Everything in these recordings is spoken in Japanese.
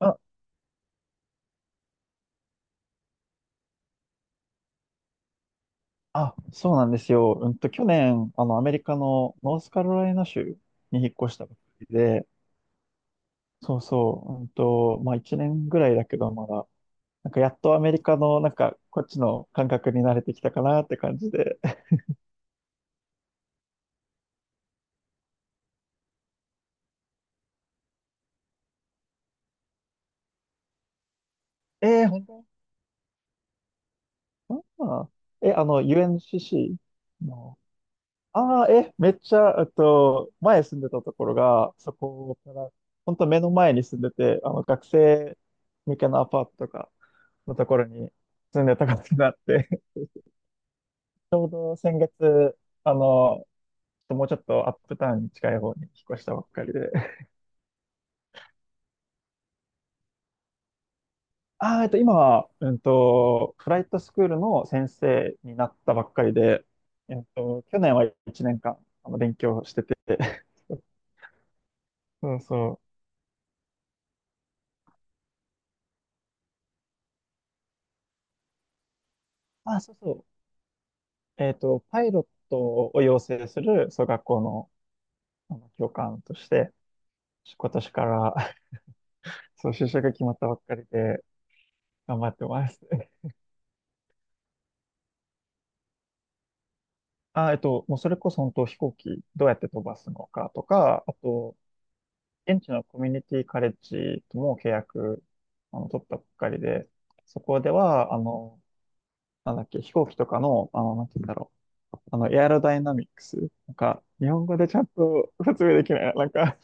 あ、あ、そうなんですよ。去年、アメリカのノースカロライナ州に引っ越したばっかりで、そうそう、まあ、1年ぐらいだけど、まだ、なんか、やっとアメリカの、なんか、こっちの感覚に慣れてきたかなって感じで。えー、本当？あーえ、あの、UNCC の、めっちゃ、前住んでたところが、そこから、本当目の前に住んでて、学生向けのアパートとかのところに住んでたことがあって、ちょうど先月、あの、もうちょっとアップタウンに近い方に引っ越したばっかりで。あー、今は、フライトスクールの先生になったばっかりで、去年は1年間、勉強してて。そうそう。あ、そうそう。パイロットを養成する、そう、学校の、教官として、今年から、そう、就職が決まったばっかりで、頑張ってます。あ、もうそれこそ本当飛行機どうやって飛ばすのかとか、あと、現地のコミュニティカレッジとも契約、取ったばっかりで、そこでは、なんだっけ、飛行機とかの、なんて言うんだろう、あの、エアロダイナミックス、なんか、日本語でちゃんと説明できない、なんか、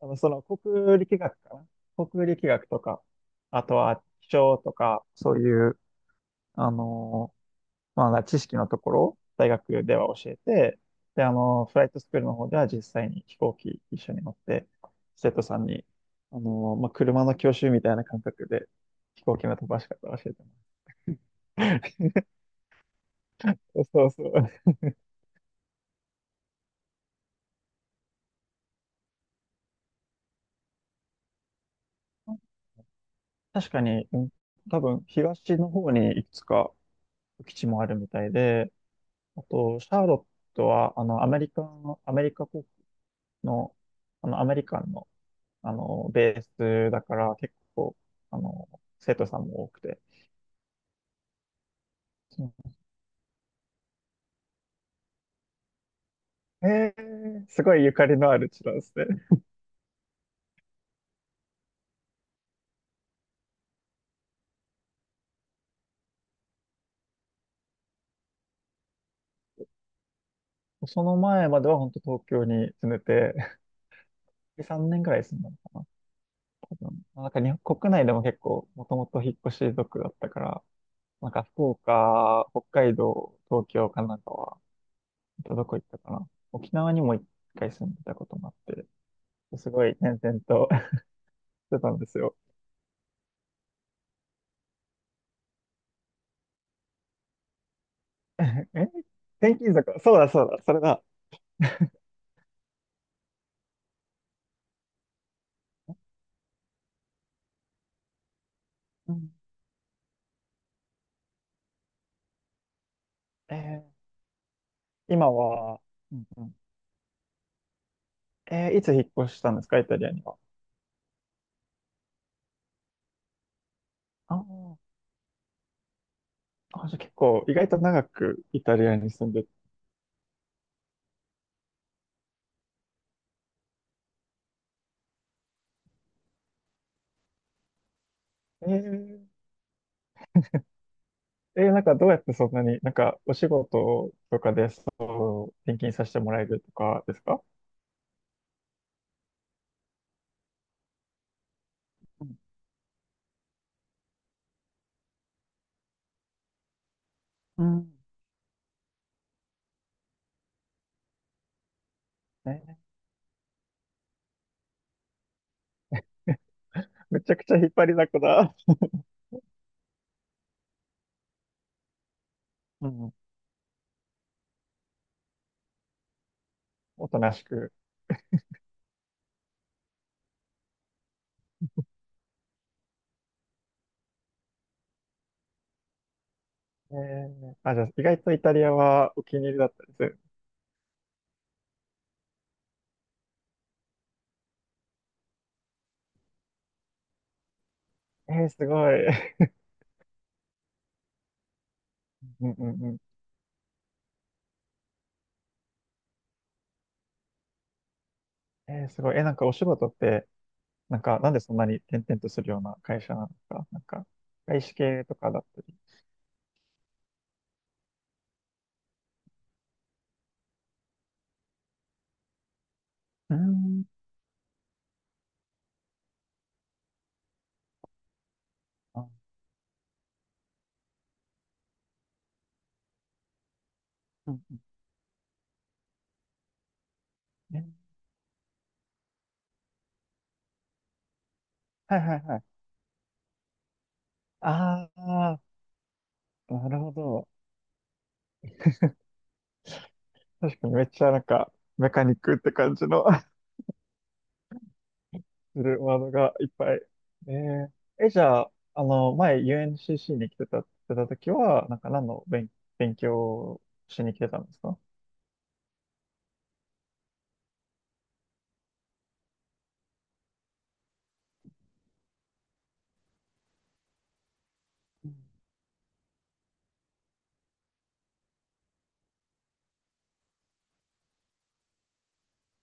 あの、その、航空力学かな航空力学とか、あとは、気象とか、そういう、あの、まあ、だから知識のところ、大学では教えて、で、フライトスクールの方では実際に飛行機一緒に乗って、生徒さんに、まあ、車の教習みたいな感覚で飛行機の飛ばし方を教えてます。そうそう。確かに、うん。多分東の方にいくつか基地もあるみたいで、あと、シャーロットは、アメリカ国の、アメリカンの、ベースだから、結構、あの、生徒さんも多くて、ええー、すごいゆかりのある地なんですね。その前までは本当東京に住んでて、3年くらい住んだのかな、多分。なんか日本国内でも結構もともと引っ越し族だったから、なんか福岡、北海道、東京、神奈川、あとどこ行ったかな。沖縄にも一回住んでたこともあって、すごい転々と してたんですよ。え、転勤族、そうだそうだ、それだ。うん。えー今は、うんうん。いつ引っ越したんですか、イタリアには？あああ、じゃあ結構意外と長くイタリアに住んでて、えーなんかどうやってそんなに、なんかお仕事とかでそう転勤させてもらえるとかですか？うん。えめちゃくちゃ引っ張りだこだ。うん。おとなしく。じゃあ意外とイタリアはお気に入りだったです。えー、すごい。うんうんうん。えー、すごい。なんかお仕事って、なんかなんでそんなに転々とするような会社なのか、なんか外資系とかだったり。うーん。あ、うんうん、はいはいはい。ああ、なるほど。確かにめっちゃなんか、メカニックって感じの するワードがいっぱい。えじゃあ、前 UNCC に来てた時は、なんか何の勉、勉強をしに来てたんですか？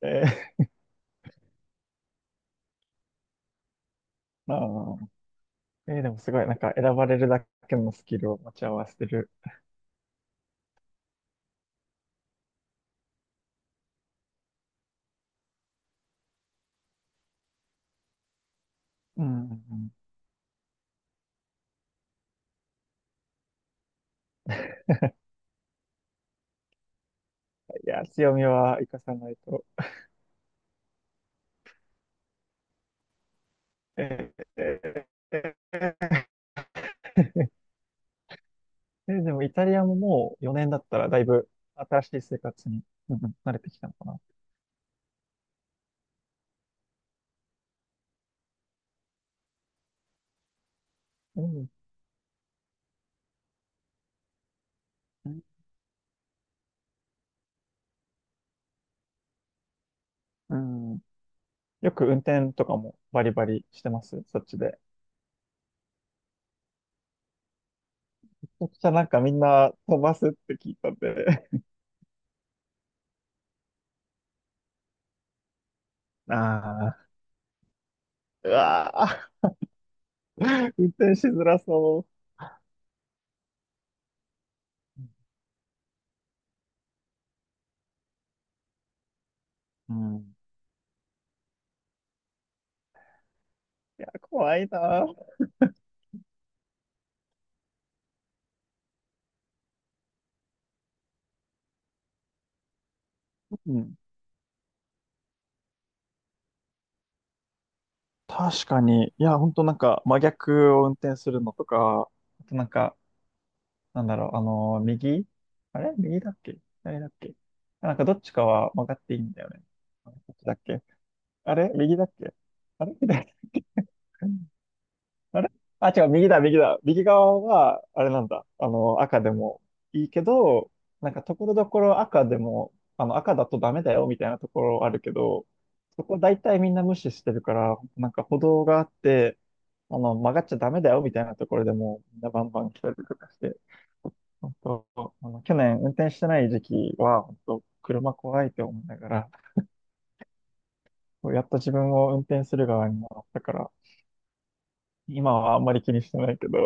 えー。でもすごい、なんか選ばれるだけのスキルを持ち合わせてる。うんうんうん。いや、強みは活かさないと。えーえーえ、でもイタリアももう4年だったらだいぶ新しい生活に、うんうん、慣れてきたのかな。うんうん。うん。よく運転とかもバリバリしてます、そっちで。そっちはなんかみんな飛ばすって聞いたんで。ああ。うわあ。運転しづらそう。うん。いや、怖いなあ。うん。確かに。いや、ほんとなんか真逆を運転するのとか、あとなんか、なんだろう、右、あれ、右だっけ？左だっけ？なんかどっちかは分かっていいんだよね。どっちだっけ？あれ、右だっけ？あれ、左だっけ？あれ、あ、違う、右だ、右だ。右側は、あれなんだ。赤でもいいけど、なんか、ところどころ赤でも、赤だとダメだよ、みたいなところあるけど、そこ大体みんな無視してるから、なんか歩道があって、曲がっちゃダメだよ、みたいなところでも、みんなバンバン来たりとかして、本当、去年運転してない時期は、本当、車怖いって思いながら、やっと自分を運転する側になったから、今はあんまり気にしてないけど、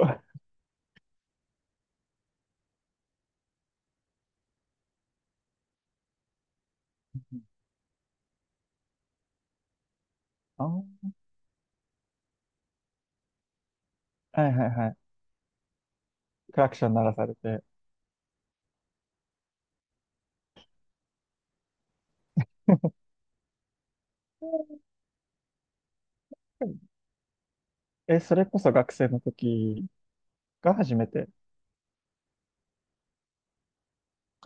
あん、はいはいはい。クラクション鳴らされて。え、それこそ学生の時が初めて？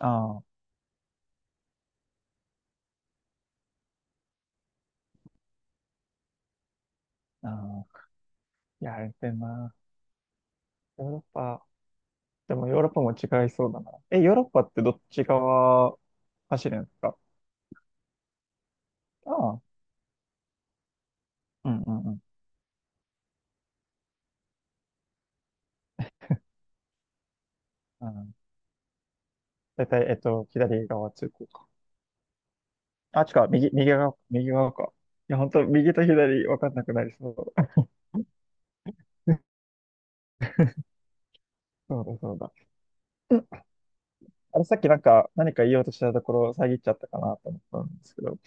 ああ、ああ、いやあれてな。ヨーロッパ、でもヨーロッパも違いそうだな。え、ヨーロッパってどっち側走るんですか？ああ、うんうんうん。うん。大体、左側通行か。あ、違う、右、右側、右側か。いや、本当右と左分かんなくなりそう。そうだ、そうだ。うん。あれ、さっきなんか、何か言おうとしたところ、遮っちゃったかなと思ったんですけど。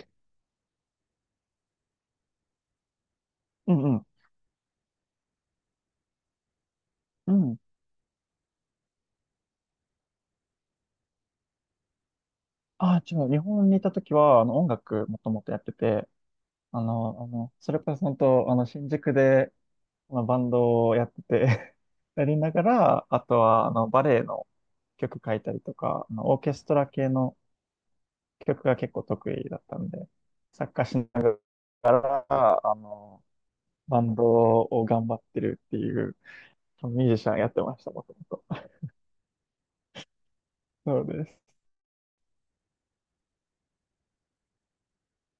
うんうん。うん。ああ、違う。日本にいた時は、音楽もともとやってて、それこそ本当、新宿で、まあの、バンドをやってて やりながら、あとは、バレエの曲書いたりとか、オーケストラ系の曲が結構得意だったんで、作家しながら、バンドを頑張ってるっていう、ミュージシャンやってました、もともと。そうです。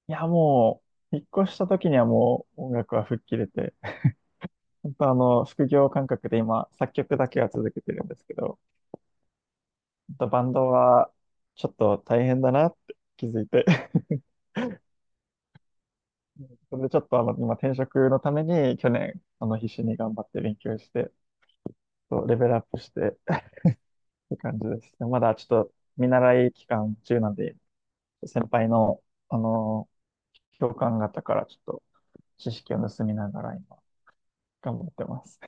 いや、もう、引っ越した時にはもう音楽は吹っ切れて、本当副業感覚で今、作曲だけは続けてるんですけど、本当バンドはちょっと大変だなって気づいて それでちょっと今転職のために去年、必死に頑張って勉強して、そうレベルアップして って感じです。でまだちょっと見習い期間中なんで、先輩の、あの、教官方からちょっと知識を盗みながら今、頑張ってます。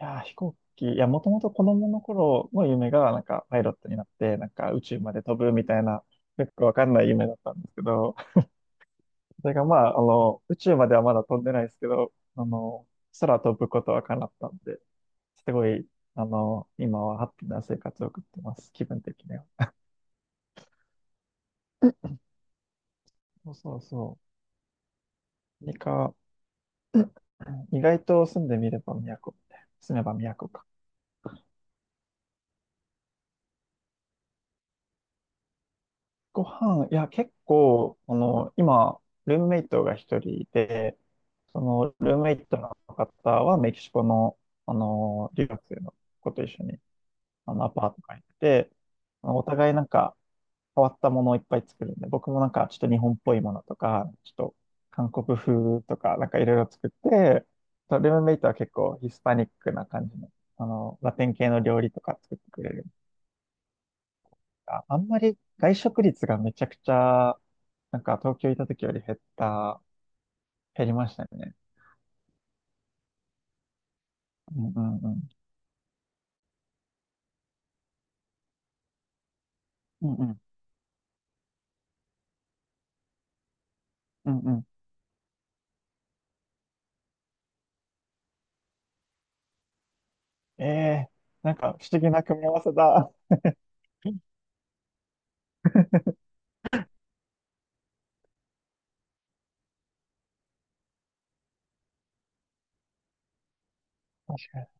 いやー、飛行機、いや、もともと子供の頃の夢が、なんか、パイロットになって、なんか、宇宙まで飛ぶみたいな、よくわかんない夢だったんですけど、それが、まあ、宇宙まではまだ飛んでないですけど、空飛ぶことは叶ったんで、すごい、今はハッピーな生活を送ってます、気分的には。そうそうそう。何か、意外と住んでみれば都みたいな。住めば都か。ご飯、いや、結構、今、ルームメイトが一人いて、その、ルームメイトの方はメキシコの、留学生の子と一緒に、アパート借りてて、お互いなんか、変わったものをいっぱい作るんで、僕もなんか、ちょっと日本っぽいものとか、ちょっと韓国風とか、なんかいろいろ作って、ルームメイトは結構ヒスパニックな感じの、ラテン系の料理とか作ってくれるかあんまり外食率がめちゃくちゃ、なんか東京いた時より減りましたね。うんうんうん。うんうん。うんうん。ええ、なんか不思議な組み合わせだ。確かに。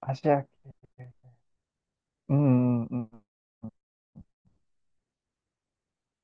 アジア系。うんうんうん。